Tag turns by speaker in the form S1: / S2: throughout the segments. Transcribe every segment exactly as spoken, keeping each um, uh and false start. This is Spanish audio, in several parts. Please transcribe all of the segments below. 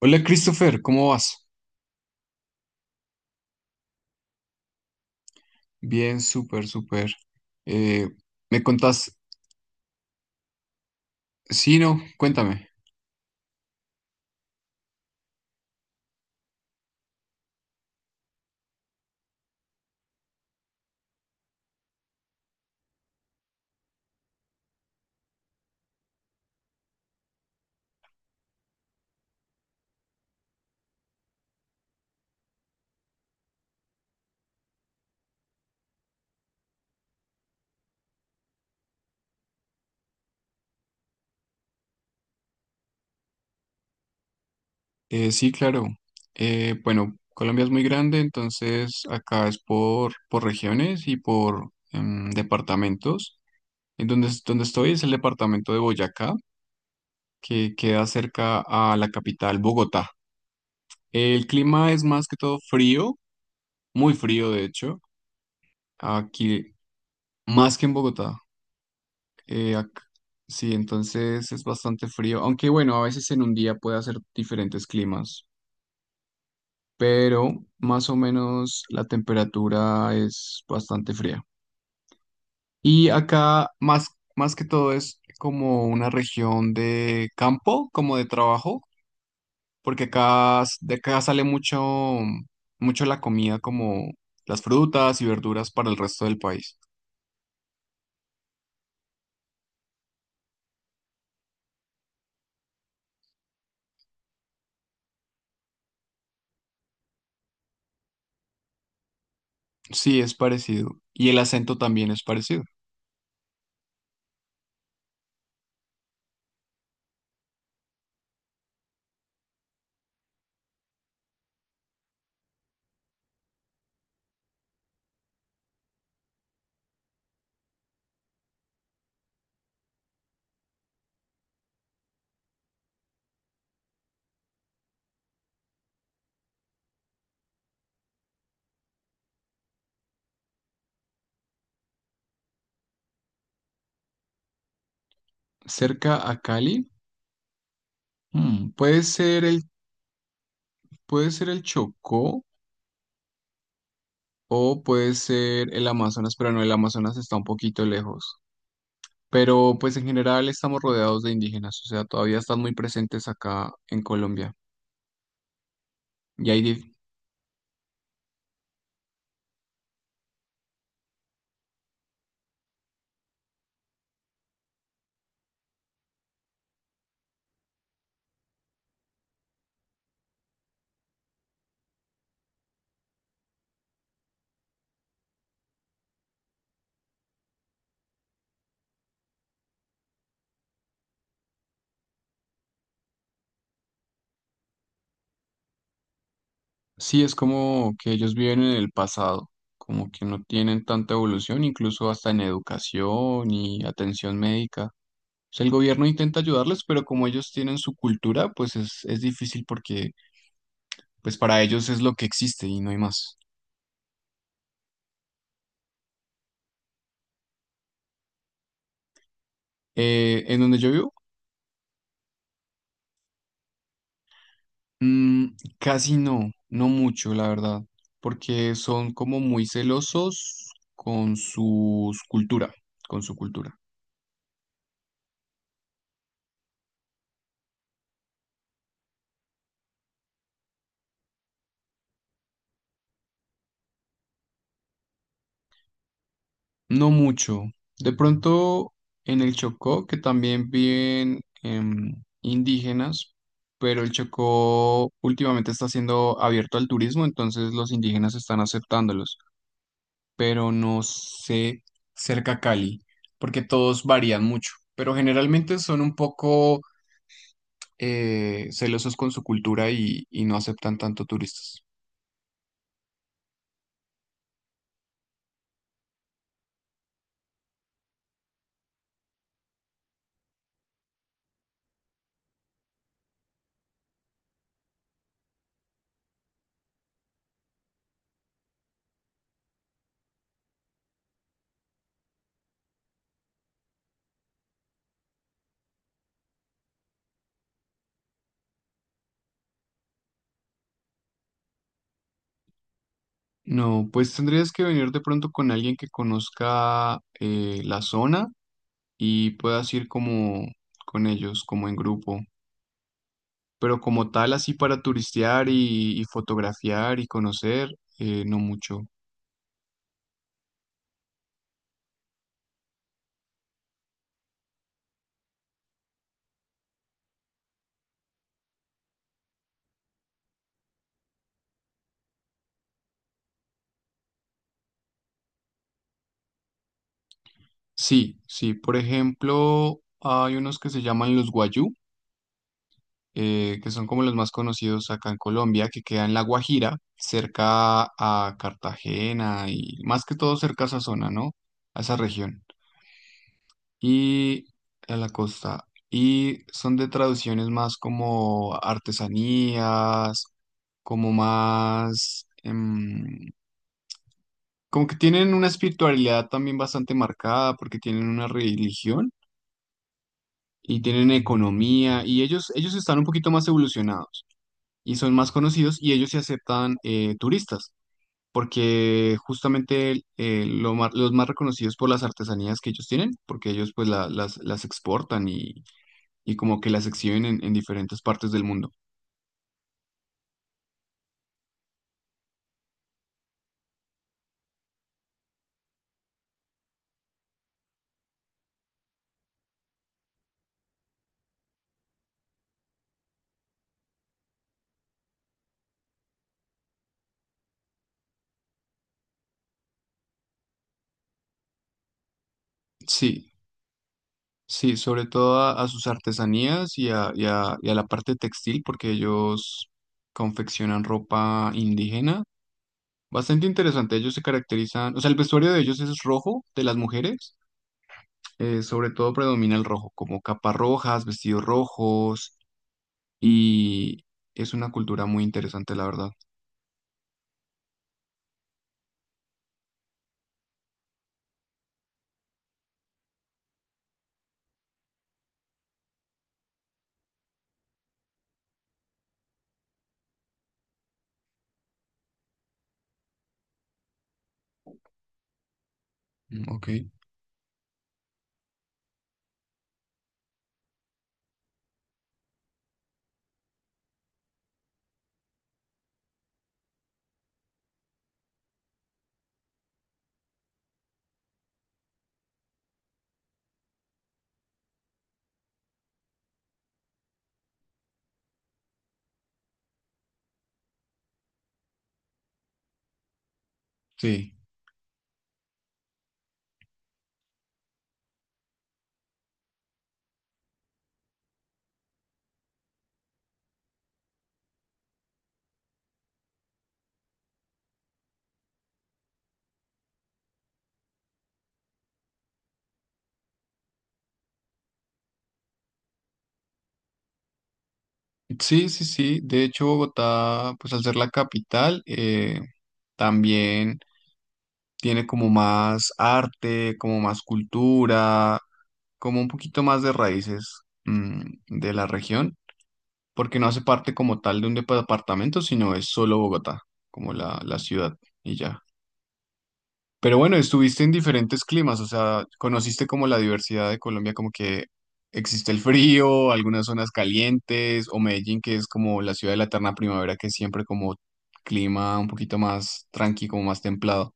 S1: Hola Christopher, ¿cómo vas? Bien, súper, súper. Eh, ¿me contás? Sí, no, cuéntame. Eh, sí, claro. Eh, bueno, Colombia es muy grande, entonces acá es por, por regiones y por em, departamentos. En donde, es- donde estoy es el departamento de Boyacá, que queda cerca a la capital, Bogotá. El clima es más que todo frío, muy frío de hecho, aquí más que en Bogotá. Eh, ac- sí, entonces es bastante frío, aunque bueno, a veces en un día puede hacer diferentes climas, pero más o menos la temperatura es bastante fría. Y acá más, más que todo es como una región de campo, como de trabajo, porque acá s- de acá sale mucho, mucho la comida como las frutas y verduras para el resto del país. Sí, es parecido. Y el acento también es parecido. Cerca a Cali. Mm, puede ser el, puede ser el Chocó o puede ser el Amazonas, pero no, el Amazonas está un poquito lejos. Pero pues en general estamos rodeados de indígenas, o sea, todavía están muy presentes acá en Colombia. Y ahí dif- sí es como que ellos viven en el pasado, como que no tienen tanta evolución, incluso hasta en educación y atención médica. O sea, el gobierno intenta ayudarles, pero como ellos tienen su cultura, pues es, es difícil porque pues para ellos es lo que existe y no hay más. Eh, en donde yo vivo, mm, casi no, no mucho, la verdad, porque son como muy celosos con su cultura, con su cultura. No mucho. De pronto en el Chocó, que también viven em, indígenas, pero el Chocó últimamente está siendo abierto al turismo, entonces los indígenas están aceptándolos, pero no sé cerca a Cali, porque todos varían mucho, pero generalmente son un poco eh, celosos con su cultura y, y no aceptan tanto turistas. No, pues tendrías que venir de pronto con alguien que conozca eh, la zona y puedas ir como con ellos, como en grupo. Pero como tal, así para turistear y, y fotografiar y conocer, eh, no mucho. Sí, sí, por ejemplo, hay unos que se llaman los Guayú. eh, que son como los más conocidos acá en Colombia, que queda en La Guajira, cerca a Cartagena y más que todo cerca a esa zona, ¿no? A esa región y a la costa. Y son de traducciones más como artesanías, como más... em, como que tienen una espiritualidad también bastante marcada porque tienen una religión y tienen economía y ellos, ellos están un poquito más evolucionados. Y son más conocidos y ellos sí aceptan eh, turistas, porque justamente eh, lo ma- los más reconocidos por las artesanías que ellos tienen, porque ellos pues la- las, las exportan y, y como que las exhiben en, en diferentes partes del mundo. Sí, sí, sobre todo a, a sus artesanías y a, y a, y a la parte textil, porque ellos confeccionan ropa indígena. Bastante interesante, ellos se caracterizan, o sea, el vestuario de ellos es rojo de las mujeres eh, sobre todo predomina el rojo, como capas rojas, vestidos rojos, y es una cultura muy interesante, la verdad. Mm, ok, sí. Sí, sí, sí. De hecho, Bogotá, pues al ser la capital, eh, también tiene como más arte, como más cultura, como un poquito más de raíces, mm, de la región, porque no hace parte como tal de un departamento, sino es solo Bogotá, como la, la ciudad, y ya. Pero bueno, estuviste en diferentes climas, o sea, conociste como la diversidad de Colombia, como que existe el frío, algunas zonas calientes, o Medellín, que es como la ciudad de la eterna primavera, que es siempre como clima un poquito más tranqui, como más templado.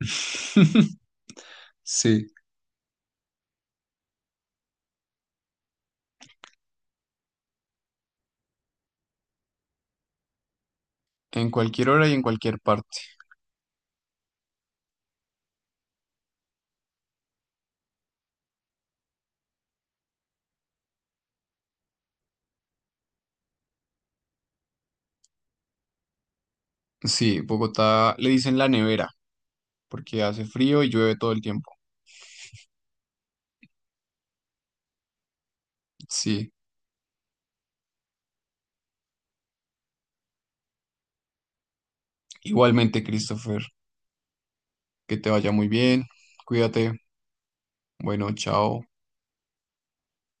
S1: Sí, en cualquier hora y en cualquier parte. Sí, Bogotá le dicen la nevera, porque hace frío y llueve todo el tiempo. Sí, igualmente, Christopher, que te vaya muy bien, cuídate, bueno, chao.